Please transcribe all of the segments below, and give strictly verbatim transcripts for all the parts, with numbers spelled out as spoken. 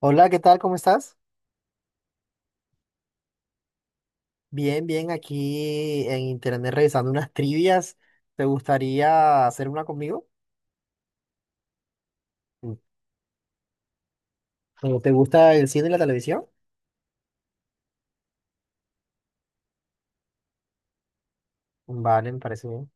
Hola, ¿qué tal? ¿Cómo estás? Bien, bien, aquí en internet revisando unas trivias. ¿Te gustaría hacer una conmigo? Mm. ¿O ¿Te gusta el cine y la televisión? Vale, me parece bien.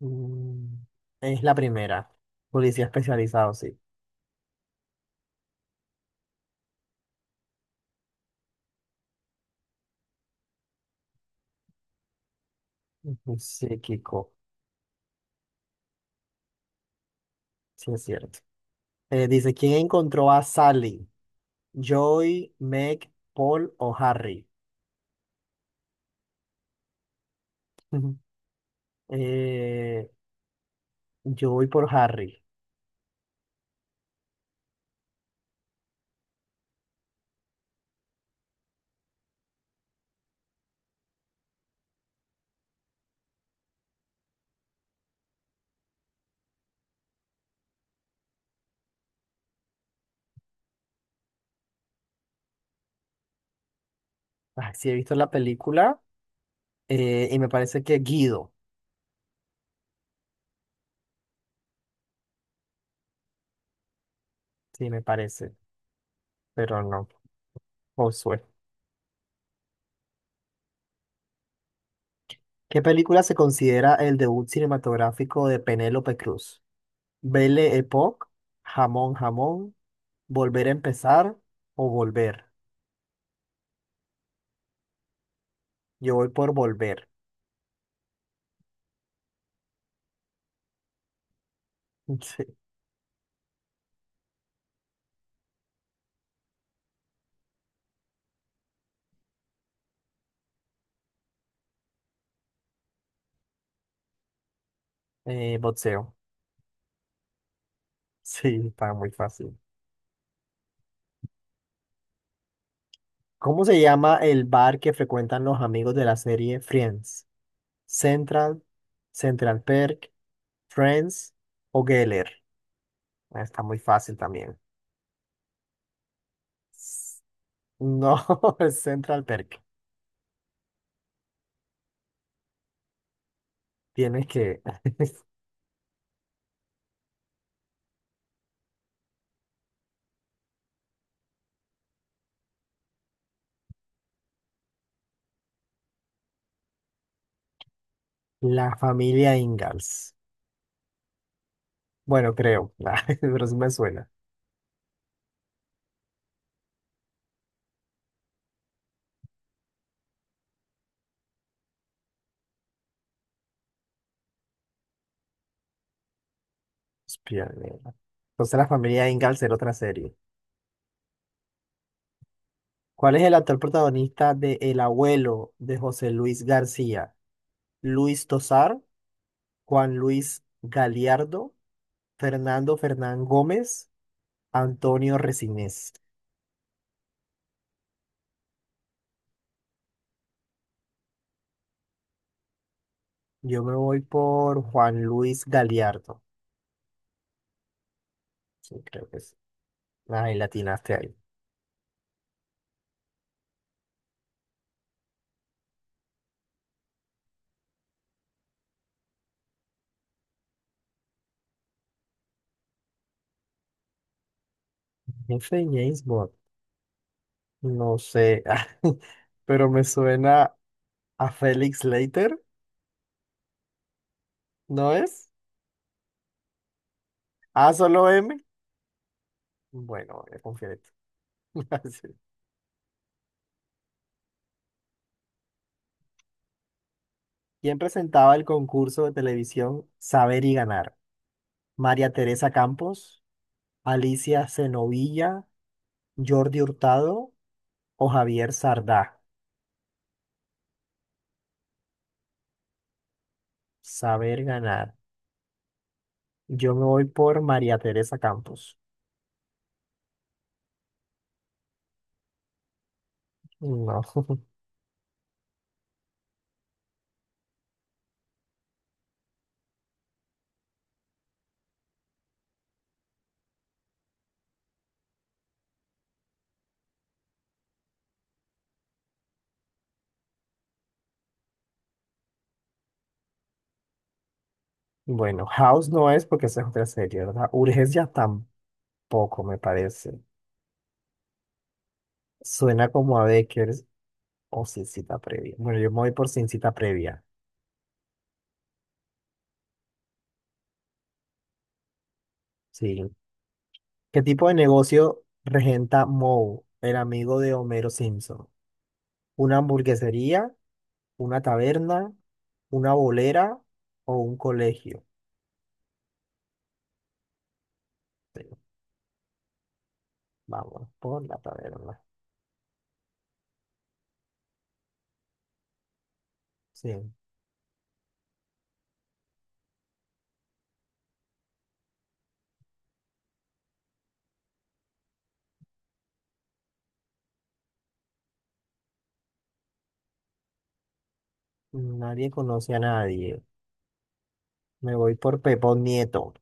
Mm, Es la primera. Policía especializado, sí. Ujú, psíquico, sí es cierto. Eh, dice, ¿quién encontró a Sally? ¿Joy, Meg, Paul o Harry? Ujú. Eh, yo voy por Harry. Ah, sí, he visto la película, eh, y me parece que Guido. Sí, me parece, pero no. Josué. ¿Qué película se considera el debut cinematográfico de Penélope Cruz? Belle Époque, Jamón Jamón, Volver a empezar o Volver. Yo voy por Volver. Sí. Eh, boxeo. Sí, está muy fácil. ¿Cómo se llama el bar que frecuentan los amigos de la serie Friends? Central, Central Perk, Friends o Geller. Ah, está muy fácil también. S- No, es Central Perk. Tienes que... La familia Ingalls. Bueno, creo, pero sí me suena. Espía negra. Entonces la familia Ingalls era otra serie. ¿Cuál es el actor protagonista de El abuelo de José Luis García? Luis Tosar, Juan Luis Galiardo, Fernando Fernán Gómez, Antonio Resinés. Yo me voy por Juan Luis Galiardo. Sí, creo que es. Ay, latinaste ahí. F. James Bond. No sé, pero me suena a Felix Leiter, ¿no es? ¿A solo M? Bueno, voy a confiar en ti. Sí. ¿Quién presentaba el concurso de televisión Saber y Ganar? ¿María Teresa Campos, Alicia Cenovilla, Jordi Hurtado o Javier Sardá? Saber Ganar. Yo me voy por María Teresa Campos. No, bueno, House no es porque esa es otra serie, ¿verdad? Urgencia tampoco me parece. Suena como a Bakers o sin cita previa. Bueno, yo me voy por sin cita previa. Sí. ¿Qué tipo de negocio regenta Moe, el amigo de Homero Simpson? ¿Una hamburguesería, una taberna, una bolera o un colegio? Pero vamos por la taberna. Sí. Nadie conoce a nadie. Me voy por Pepón Nieto.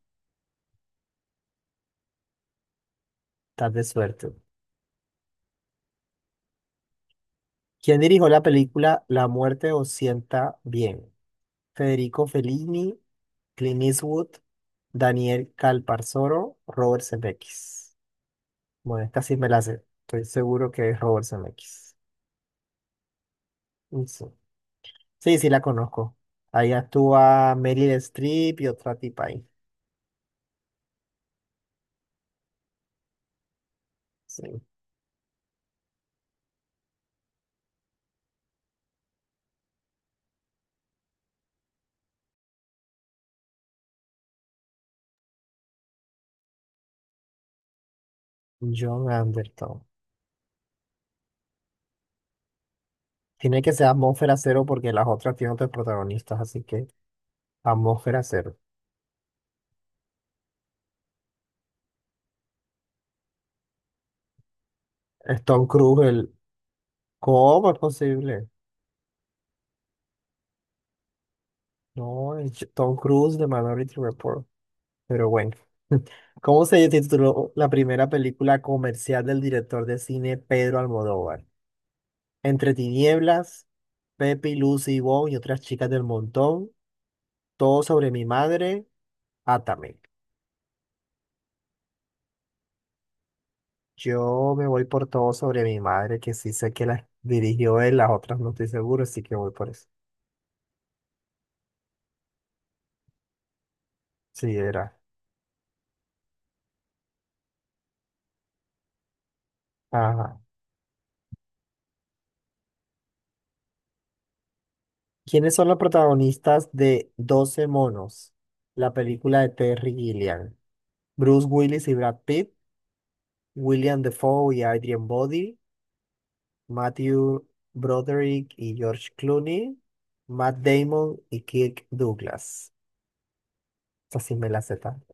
Estás de suerte. ¿Quién dirigió la película La muerte os sienta bien? ¿Federico Fellini, Clint Eastwood? Daniel Calparsoro, Robert Zemeckis. Bueno, esta sí me la sé. Estoy seguro que es Robert Zemeckis. Mm, Sí, sí, sí la conozco. Ahí actúa Meryl Streep y otra tipa ahí. Sí. John Anderton. Tiene que ser Atmósfera Cero porque las otras tienen otros protagonistas, así que Atmósfera Cero. Es Tom Cruise, el... ¿Cómo es posible? No, es J- Tom Cruise de Minority Report. Pero bueno, ¿cómo se tituló la primera película comercial del director de cine Pedro Almodóvar? Entre tinieblas, Pepe, y Lucy y Bon y otras chicas del montón, Todo sobre mi madre, Átame. Yo me voy por Todo sobre mi madre, que sí sé que la dirigió él, las otras no estoy seguro, así que voy por eso. Sí, era. Ajá. ¿Quiénes son los protagonistas de Doce monos? La película de Terry Gilliam. Bruce Willis y Brad Pitt. William Defoe y Adrian Brody, Matthew Broderick y George Clooney, Matt Damon y Kirk Douglas. Esa sí me la sé tan.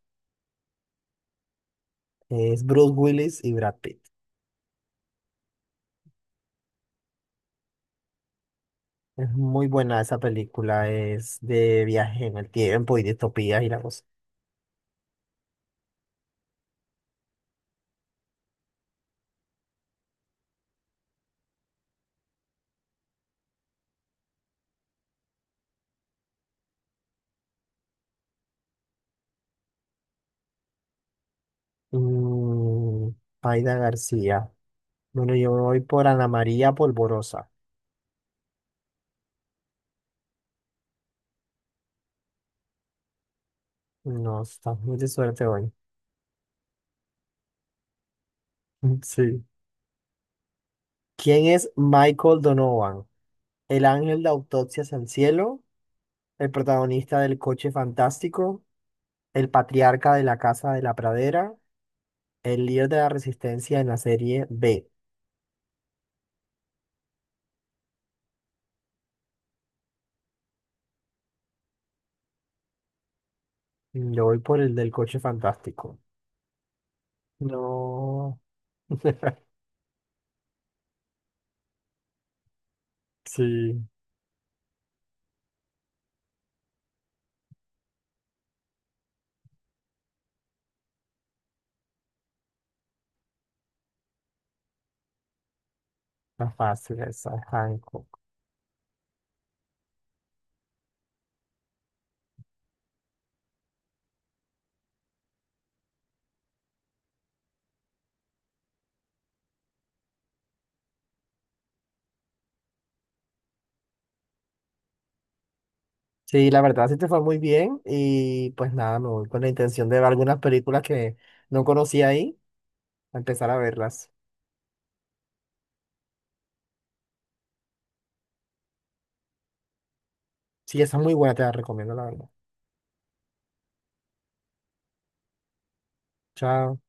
Es Bruce Willis y Brad Pitt. Es muy buena esa película, es de viaje en el tiempo y distopía y la cosa. Mm, Aida García. Bueno, yo me voy por Ana María Polvorosa. No, estás muy de suerte hoy. Sí. ¿Quién es Michael Donovan? ¿El ángel de autopsias al cielo? El protagonista del coche fantástico, el patriarca de la casa de la pradera, el líder de la resistencia en la serie B. Yo voy por el del coche fantástico. No. Sí, está fácil esa, Hancock. Sí, la verdad sí te fue muy bien y pues nada, me voy con la intención de ver algunas películas que no conocía ahí, a empezar a verlas. Sí, esa es muy buena, te la recomiendo, la verdad. Chao.